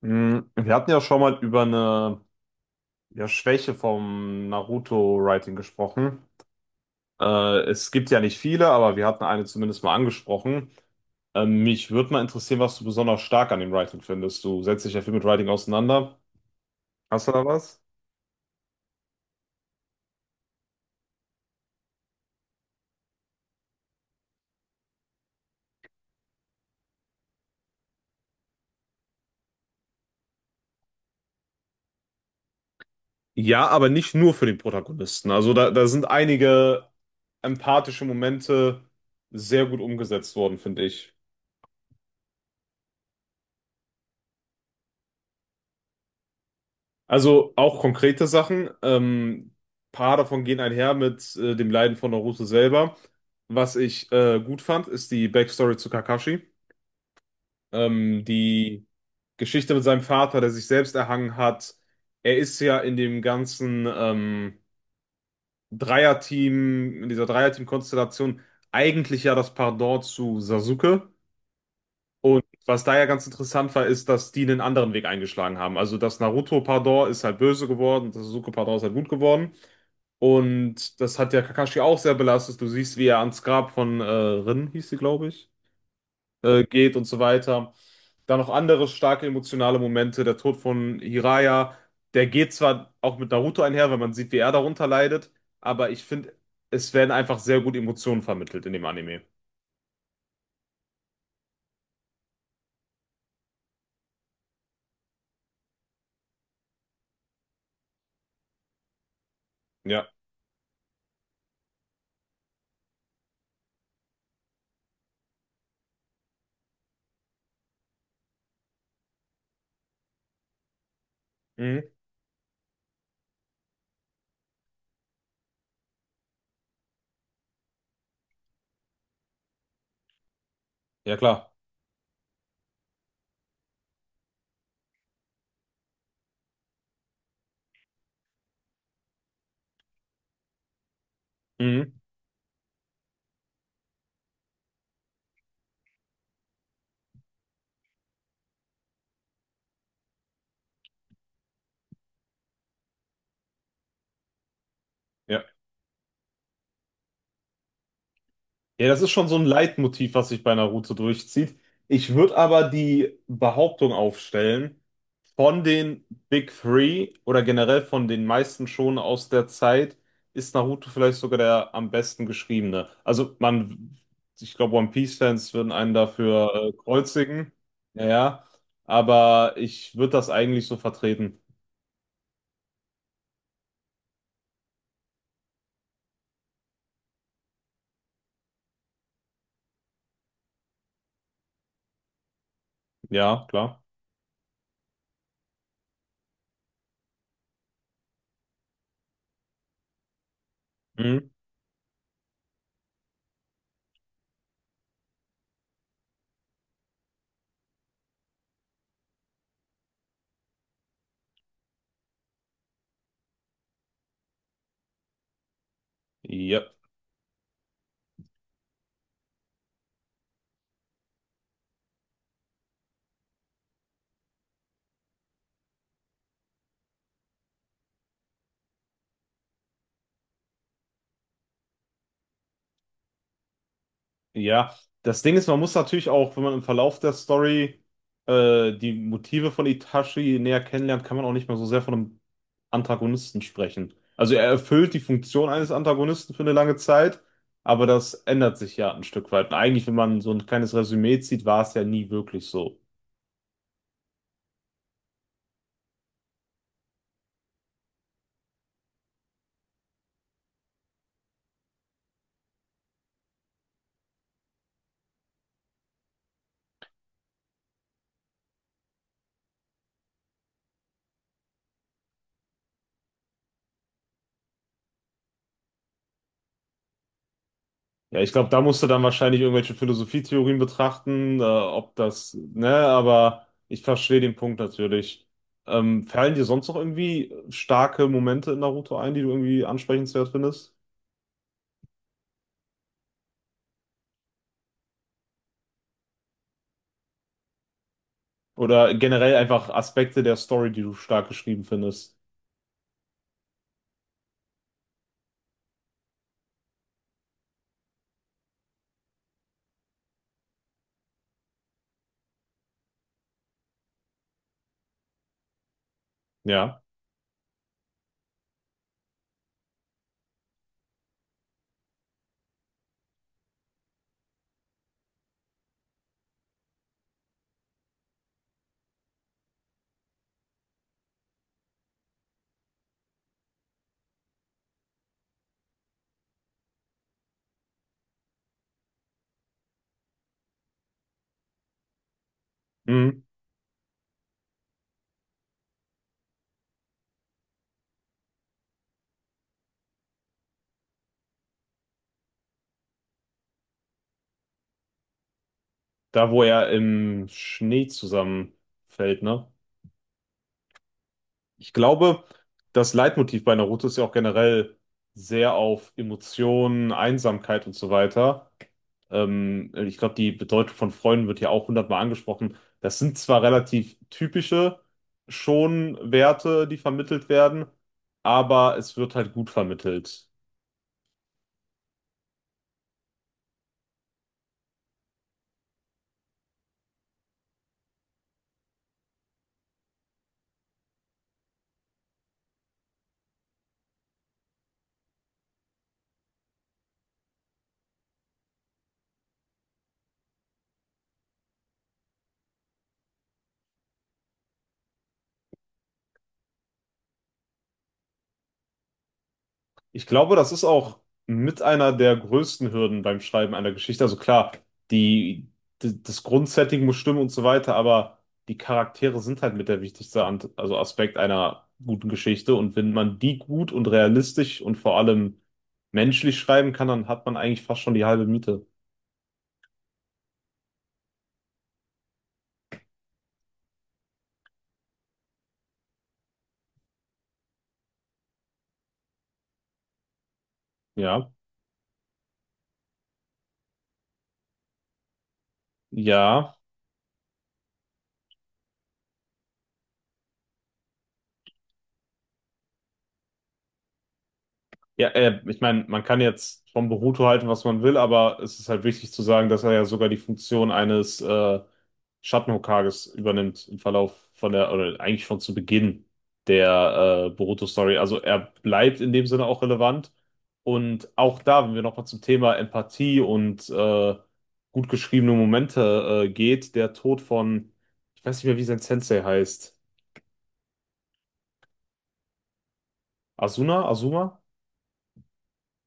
Wir hatten ja schon mal über eine ja, Schwäche vom Naruto-Writing gesprochen. Es gibt ja nicht viele, aber wir hatten eine zumindest mal angesprochen. Mich würde mal interessieren, was du besonders stark an dem Writing findest. Du setzt dich ja viel mit Writing auseinander. Hast du da was? Ja, aber nicht nur für den Protagonisten. Also da sind einige empathische Momente sehr gut umgesetzt worden, finde ich. Also auch konkrete Sachen. Paar davon gehen einher mit dem Leiden von Naruto selber. Was ich gut fand, ist die Backstory zu Kakashi. Die Geschichte mit seinem Vater, der sich selbst erhangen hat. Er ist ja in dem ganzen Dreierteam, in dieser Dreierteam-Konstellation eigentlich ja das Pendant zu Sasuke. Und was da ja ganz interessant war, ist, dass die einen anderen Weg eingeschlagen haben. Also das Naruto Pardor ist halt böse geworden, das Sasuke Pardor ist halt gut geworden. Und das hat ja Kakashi auch sehr belastet. Du siehst, wie er ans Grab von Rin, hieß sie, glaube ich, geht und so weiter. Dann noch andere starke emotionale Momente. Der Tod von Jiraiya, der geht zwar auch mit Naruto einher, weil man sieht, wie er darunter leidet, aber ich finde, es werden einfach sehr gut Emotionen vermittelt in dem Anime. Ja. Mhm. Ja, klar. Mhm. Ja. Ja, das ist schon so ein Leitmotiv, was sich bei Naruto durchzieht. Ich würde aber die Behauptung aufstellen, von den Big Three oder generell von den meisten Shonen aus der Zeit ist Naruto vielleicht sogar der am besten geschriebene. Also man, ich glaube, One Piece-Fans würden einen dafür kreuzigen. Naja, aber ich würde das eigentlich so vertreten. Ja, klar. Mhm. Ja. Ja, das Ding ist, man muss natürlich auch, wenn man im Verlauf der Story die Motive von Itachi näher kennenlernt, kann man auch nicht mehr so sehr von einem Antagonisten sprechen. Also er erfüllt die Funktion eines Antagonisten für eine lange Zeit, aber das ändert sich ja ein Stück weit. Und eigentlich, wenn man so ein kleines Resümee zieht, war es ja nie wirklich so. Ja, ich glaube, da musst du dann wahrscheinlich irgendwelche Philosophietheorien betrachten, ob das, ne, aber ich verstehe den Punkt natürlich. Fallen dir sonst noch irgendwie starke Momente in Naruto ein, die du irgendwie ansprechenswert findest? Oder generell einfach Aspekte der Story, die du stark geschrieben findest? Ja. Mhm. Da, wo er im Schnee zusammenfällt, ne? Ich glaube, das Leitmotiv bei Naruto ist ja auch generell sehr auf Emotionen, Einsamkeit und so weiter. Ich glaube, die Bedeutung von Freunden wird hier auch hundertmal angesprochen. Das sind zwar relativ typische schon Werte, die vermittelt werden, aber es wird halt gut vermittelt. Ich glaube, das ist auch mit einer der größten Hürden beim Schreiben einer Geschichte. Also klar, die, das Grundsetting muss stimmen und so weiter, aber die Charaktere sind halt mit der wichtigste also Aspekt einer guten Geschichte. Und wenn man die gut und realistisch und vor allem menschlich schreiben kann, dann hat man eigentlich fast schon die halbe Miete. Ja, ja. Ja, ich meine, man kann jetzt von Boruto halten, was man will, aber es ist halt wichtig zu sagen, dass er ja sogar die Funktion eines Schattenhokages übernimmt im Verlauf von der, oder eigentlich schon zu Beginn der Boruto-Story. Also er bleibt in dem Sinne auch relevant. Und auch da, wenn wir nochmal zum Thema Empathie und gut geschriebene Momente geht, der Tod von, ich weiß nicht mehr, wie sein Sensei heißt. Asuna? Azuma?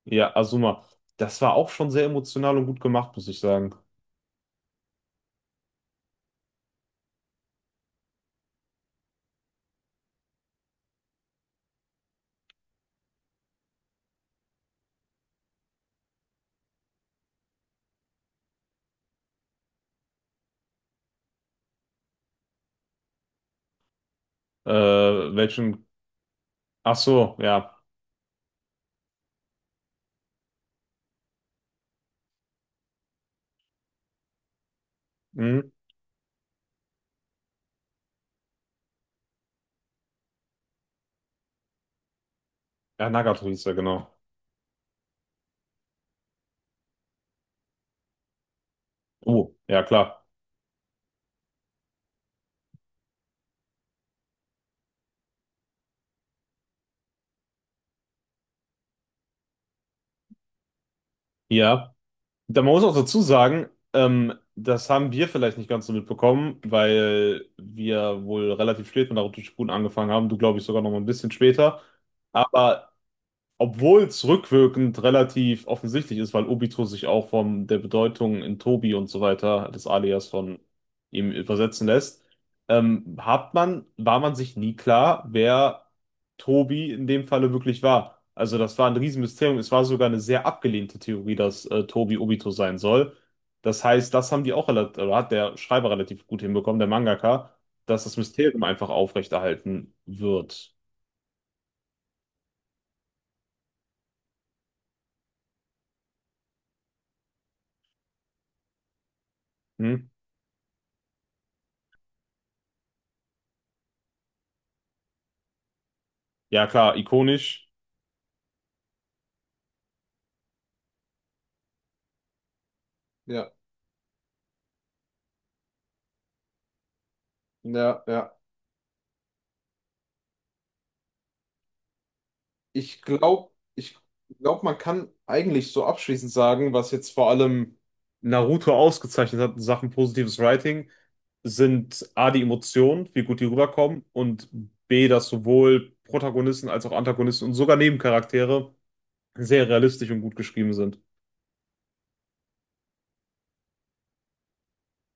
Ja, Azuma, das war auch schon sehr emotional und gut gemacht, muss ich sagen. Welchen? Ach so, ja. Hm? Ja, Nagato hieß er, genau. Oh, ja, klar. Ja. Da man muss auch dazu sagen, das haben wir vielleicht nicht ganz so mitbekommen, weil wir wohl relativ spät mit Naruto Shippuden angefangen haben. Du, glaube ich, sogar noch mal ein bisschen später. Aber obwohl es rückwirkend relativ offensichtlich ist, weil Obito sich auch von der Bedeutung in Tobi und so weiter, des Alias von ihm übersetzen lässt, hat man, war man sich nie klar, wer Tobi in dem Falle wirklich war. Also das war ein Riesenmysterium. Es war sogar eine sehr abgelehnte Theorie, dass Tobi Obito sein soll. Das heißt, das haben die auch relativ, oder hat der Schreiber relativ gut hinbekommen, der Mangaka, dass das Mysterium einfach aufrechterhalten wird. Hm? Ja, klar, ikonisch. Ja. Ja, ja. Ich glaube, man kann eigentlich so abschließend sagen, was jetzt vor allem Naruto ausgezeichnet hat in Sachen positives Writing, sind A, die Emotionen, wie gut die rüberkommen, und B, dass sowohl Protagonisten als auch Antagonisten und sogar Nebencharaktere sehr realistisch und gut geschrieben sind.